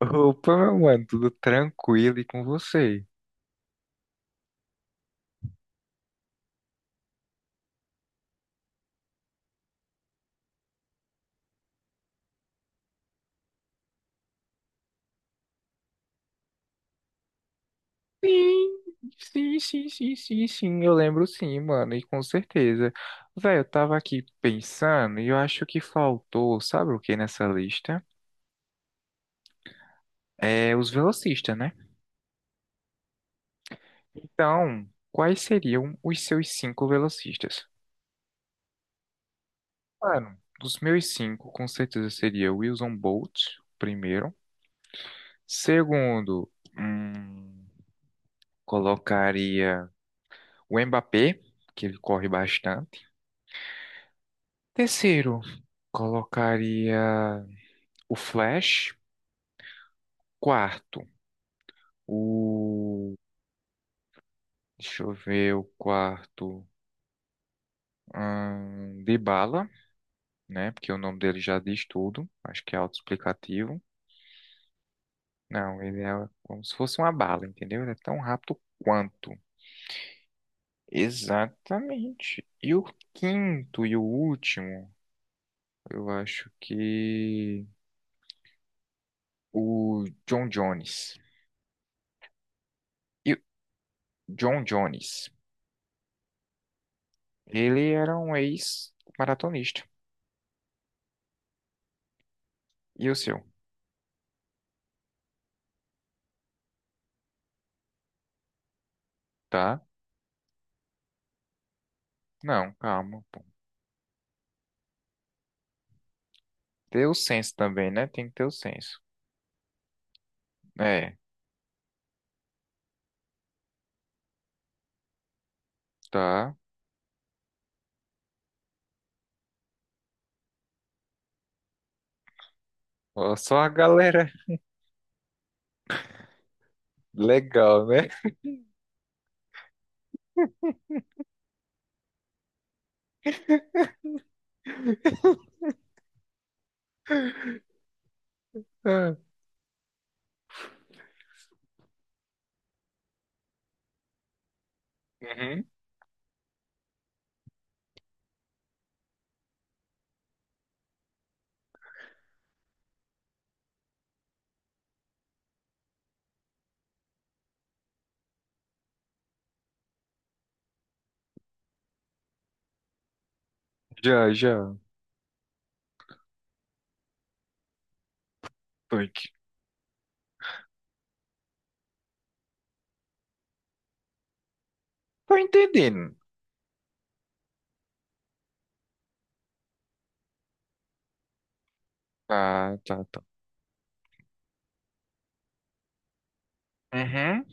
Opa, mano, tudo tranquilo e com você? Sim, sim, sim, sim, sim, sim, eu lembro sim, mano, e com certeza. Velho, eu tava aqui pensando e eu acho que faltou, sabe o que nessa lista? É os velocistas, né? Então, quais seriam os seus cinco velocistas? Mano, dos meus cinco, com certeza seria Wilson Bolt, primeiro. Segundo, hum, colocaria o Mbappé, que ele corre bastante. Terceiro, colocaria o Flash. Quarto, o. Deixa eu ver o quarto. Dybala, né? Porque o nome dele já diz tudo. Acho que é autoexplicativo. Não, ele é como se fosse uma bala, entendeu? Ele é tão rápido quanto. Exatamente. E o quinto e o último, eu acho que o John Jones. E John Jones. Ele era um ex-maratonista. E o seu? Tá? Não, calma, pô. Ter o senso também, né? Tem que ter o senso. É, tá. Ó, só a galera legal, né? Ah. Uhum. Já, já. Toink. Tô entendendo. Tá, tá, tá. Uhum.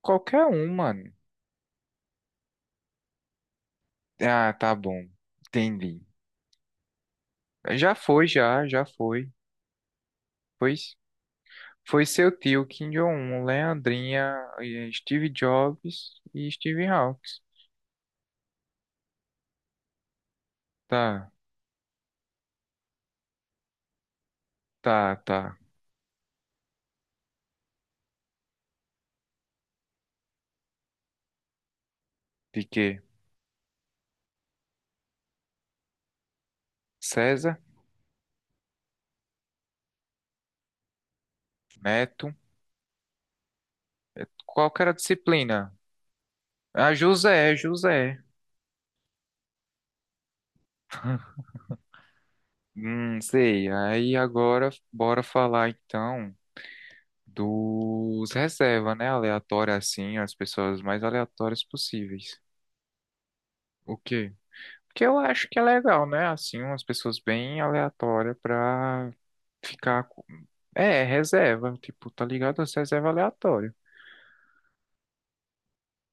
Qualquer um, mano. Ah, tá bom. Entendi. Já foi, já, já foi. Pois foi seu tio, Kim Jong-un, Leandrinha, Steve Jobs e Steve Hawkes. Tá, tá, tá. De quê? César? Neto. Qual que era a disciplina? Ah, José, José. Sei. Aí agora bora falar então dos reserva, né? Aleatória assim, as pessoas mais aleatórias possíveis. O quê? Que eu acho que é legal, né? Assim, umas pessoas bem aleatórias pra ficar. Com- É, reserva. Tipo, tá ligado? As reserva aleatória.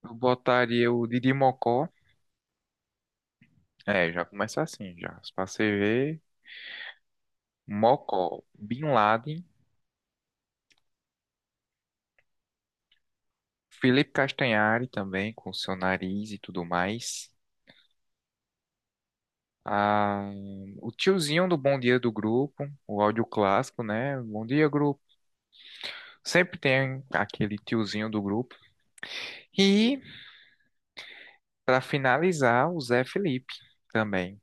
Eu botaria o Didi Mocó. É, já começa assim, já. Pra você ver. Mocó, Bin Laden. Felipe Castanhari também, com seu nariz e tudo mais. Ah, o tiozinho do Bom Dia do Grupo, o áudio clássico, né? Bom dia, grupo. Sempre tem aquele tiozinho do grupo. E, para finalizar, o Zé Felipe também.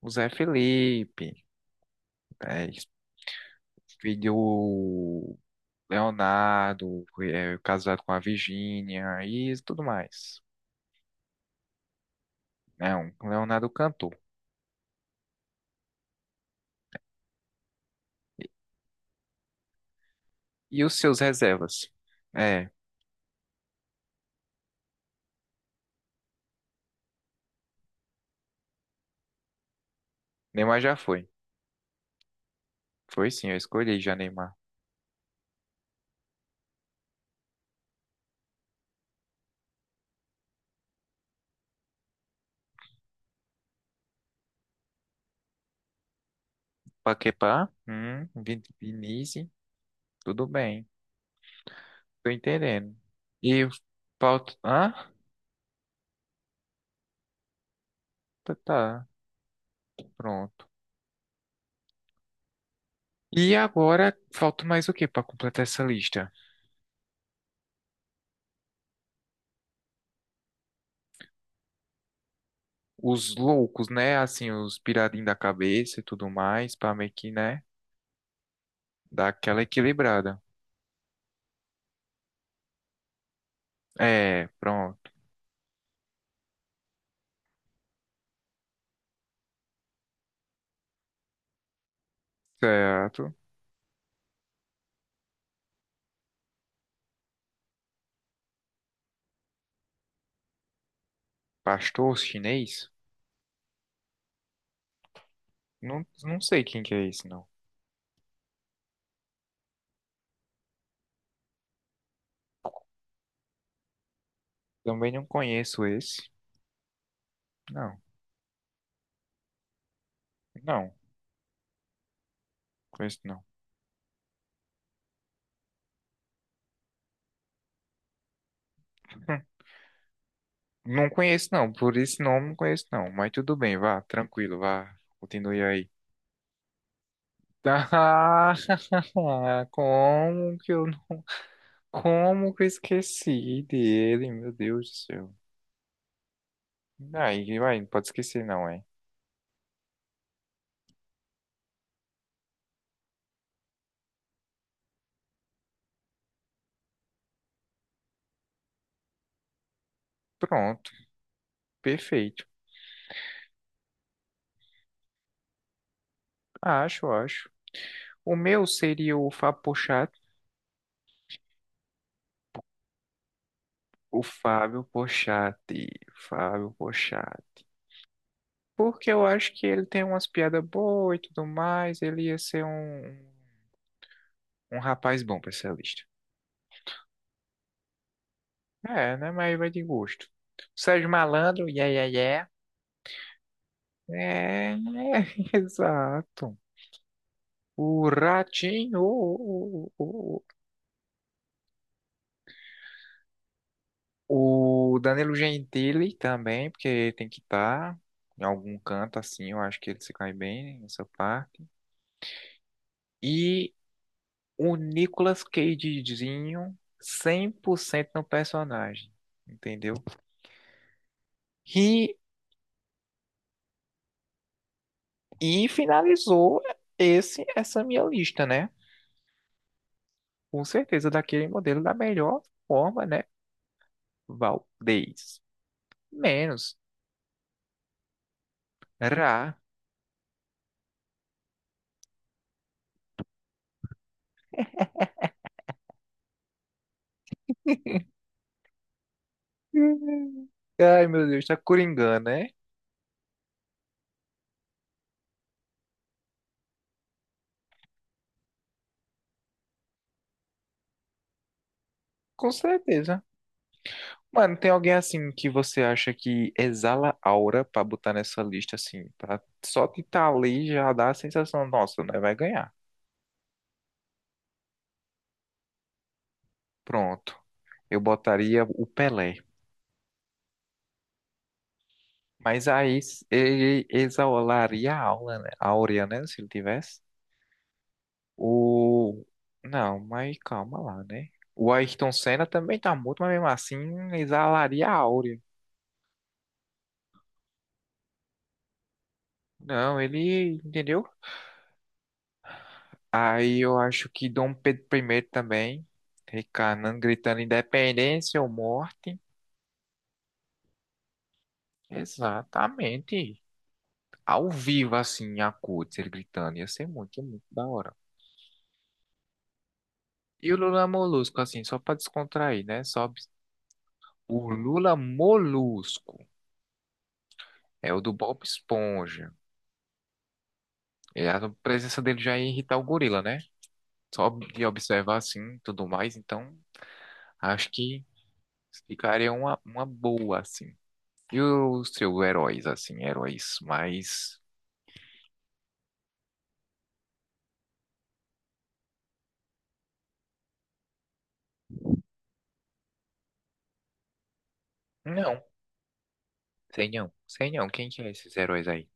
O Zé Felipe, é, filho do Leonardo, é, casado com a Virgínia e tudo mais. É um Leonardo cantor. E os seus reservas? É, Neymar já foi. Foi sim, eu escolhi já Neymar. Paquetá, Vinícius, tudo bem. Tô entendendo. E falta. Ah, tá, tá, pronto. E agora falta mais o que pra completar essa lista? Os loucos, né? Assim, os piradinhos da cabeça e tudo mais, pra meio que, né? Dar aquela equilibrada. É, pronto. Certo. Pastor chinês? Não, não sei quem que é esse, não. Também não conheço esse. Não, não, conheço não. Não conheço, não. Por esse nome, não conheço, não. Mas tudo bem, vá, tranquilo, vá. Continue aí. Ah, como que eu, como que eu esqueci dele, meu Deus do céu. Aí, vai, não pode esquecer, não, é. Pronto, perfeito. Acho, acho. O meu seria o Fábio Porchat. O Fábio Porchat. Fábio Porchat. Porque eu acho que ele tem umas piadas boas e tudo mais. Ele ia ser um rapaz bom pra essa lista. É, né? Mas vai de gosto. Sérgio Malandro, yeah, yeah, yeah. É, exato. O Ratinho, o Danilo Gentili também, porque tem que estar em algum canto assim, eu acho que ele se cai bem nessa parte. E o Nicolas Cagezinho, 100% no personagem, entendeu? E, e finalizou essa minha lista, né? Com certeza, daquele modelo da melhor forma, né? Valdez. Menos. Ra. Hum. Ai, meu Deus, tá coringando, né? Com certeza. Mano, tem alguém assim que você acha que exala aura pra botar nessa lista assim, pra só de estar ali já dá a sensação, nossa, né? Vai ganhar. Pronto. Eu botaria o Pelé. Mas aí ele exalaria a aula, né? A áurea, né? Se ele tivesse. O. Não, mas calma lá, né? O Ayrton Senna também tá morto, mas mesmo assim exalaria a áurea. Não, ele. Entendeu? Aí eu acho que Dom Pedro primeiro também. Recanando, gritando independência ou morte. Exatamente. Ao vivo, assim, a acordes, ele gritando. Ia ser muito, muito da hora. E o Lula Molusco, assim, só pra descontrair, né? Sobe. O Lula Molusco é o do Bob Esponja. E a presença dele já ia irritar o gorila, né? Só de observar assim, tudo mais. Então, acho que ficaria uma boa, assim. E os seus heróis, assim, heróis mais. Não, sei não, sei não. Quem que é esses heróis aí?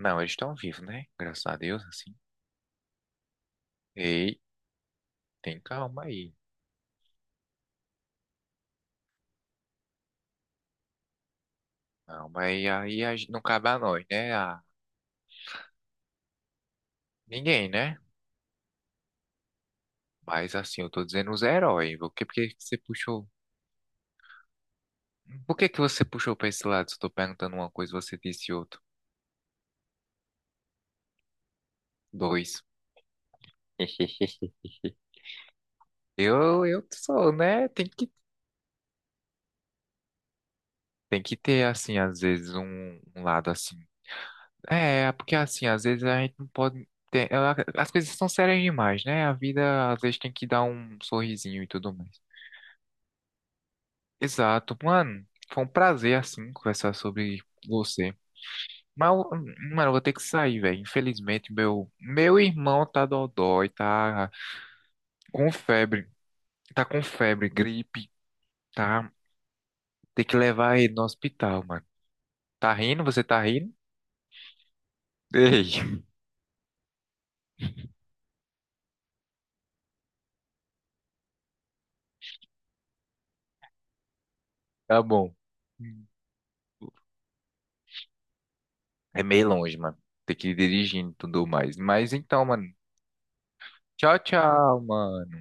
Não, eles estão vivos, né? Graças a Deus, assim. Ei, tem calma aí. Calma aí, aí a gente- não cabe a nós, né? A ninguém, né? Mas assim, eu tô dizendo os heróis. Por que que você puxou? Por que que você puxou pra esse lado? Se eu tô perguntando uma coisa, você disse outra. Dois. Eu sou, né? Tem que ter, assim, às vezes, um lado assim. É, porque, assim, às vezes a gente não pode ter. As coisas são sérias demais, né? A vida, às vezes, tem que dar um sorrisinho e tudo mais. Exato. Mano, foi um prazer, assim, conversar sobre você. Mas, mano, eu vou ter que sair, velho. Infelizmente, meu irmão tá dodói, tá com febre. Tá com febre, gripe, tá? Tem que levar ele no hospital, mano. Tá rindo? Você tá rindo? Ei, tá bom. É meio longe, mano. Tem que ir dirigindo e tudo mais. Mas então, mano. Tchau, tchau, mano.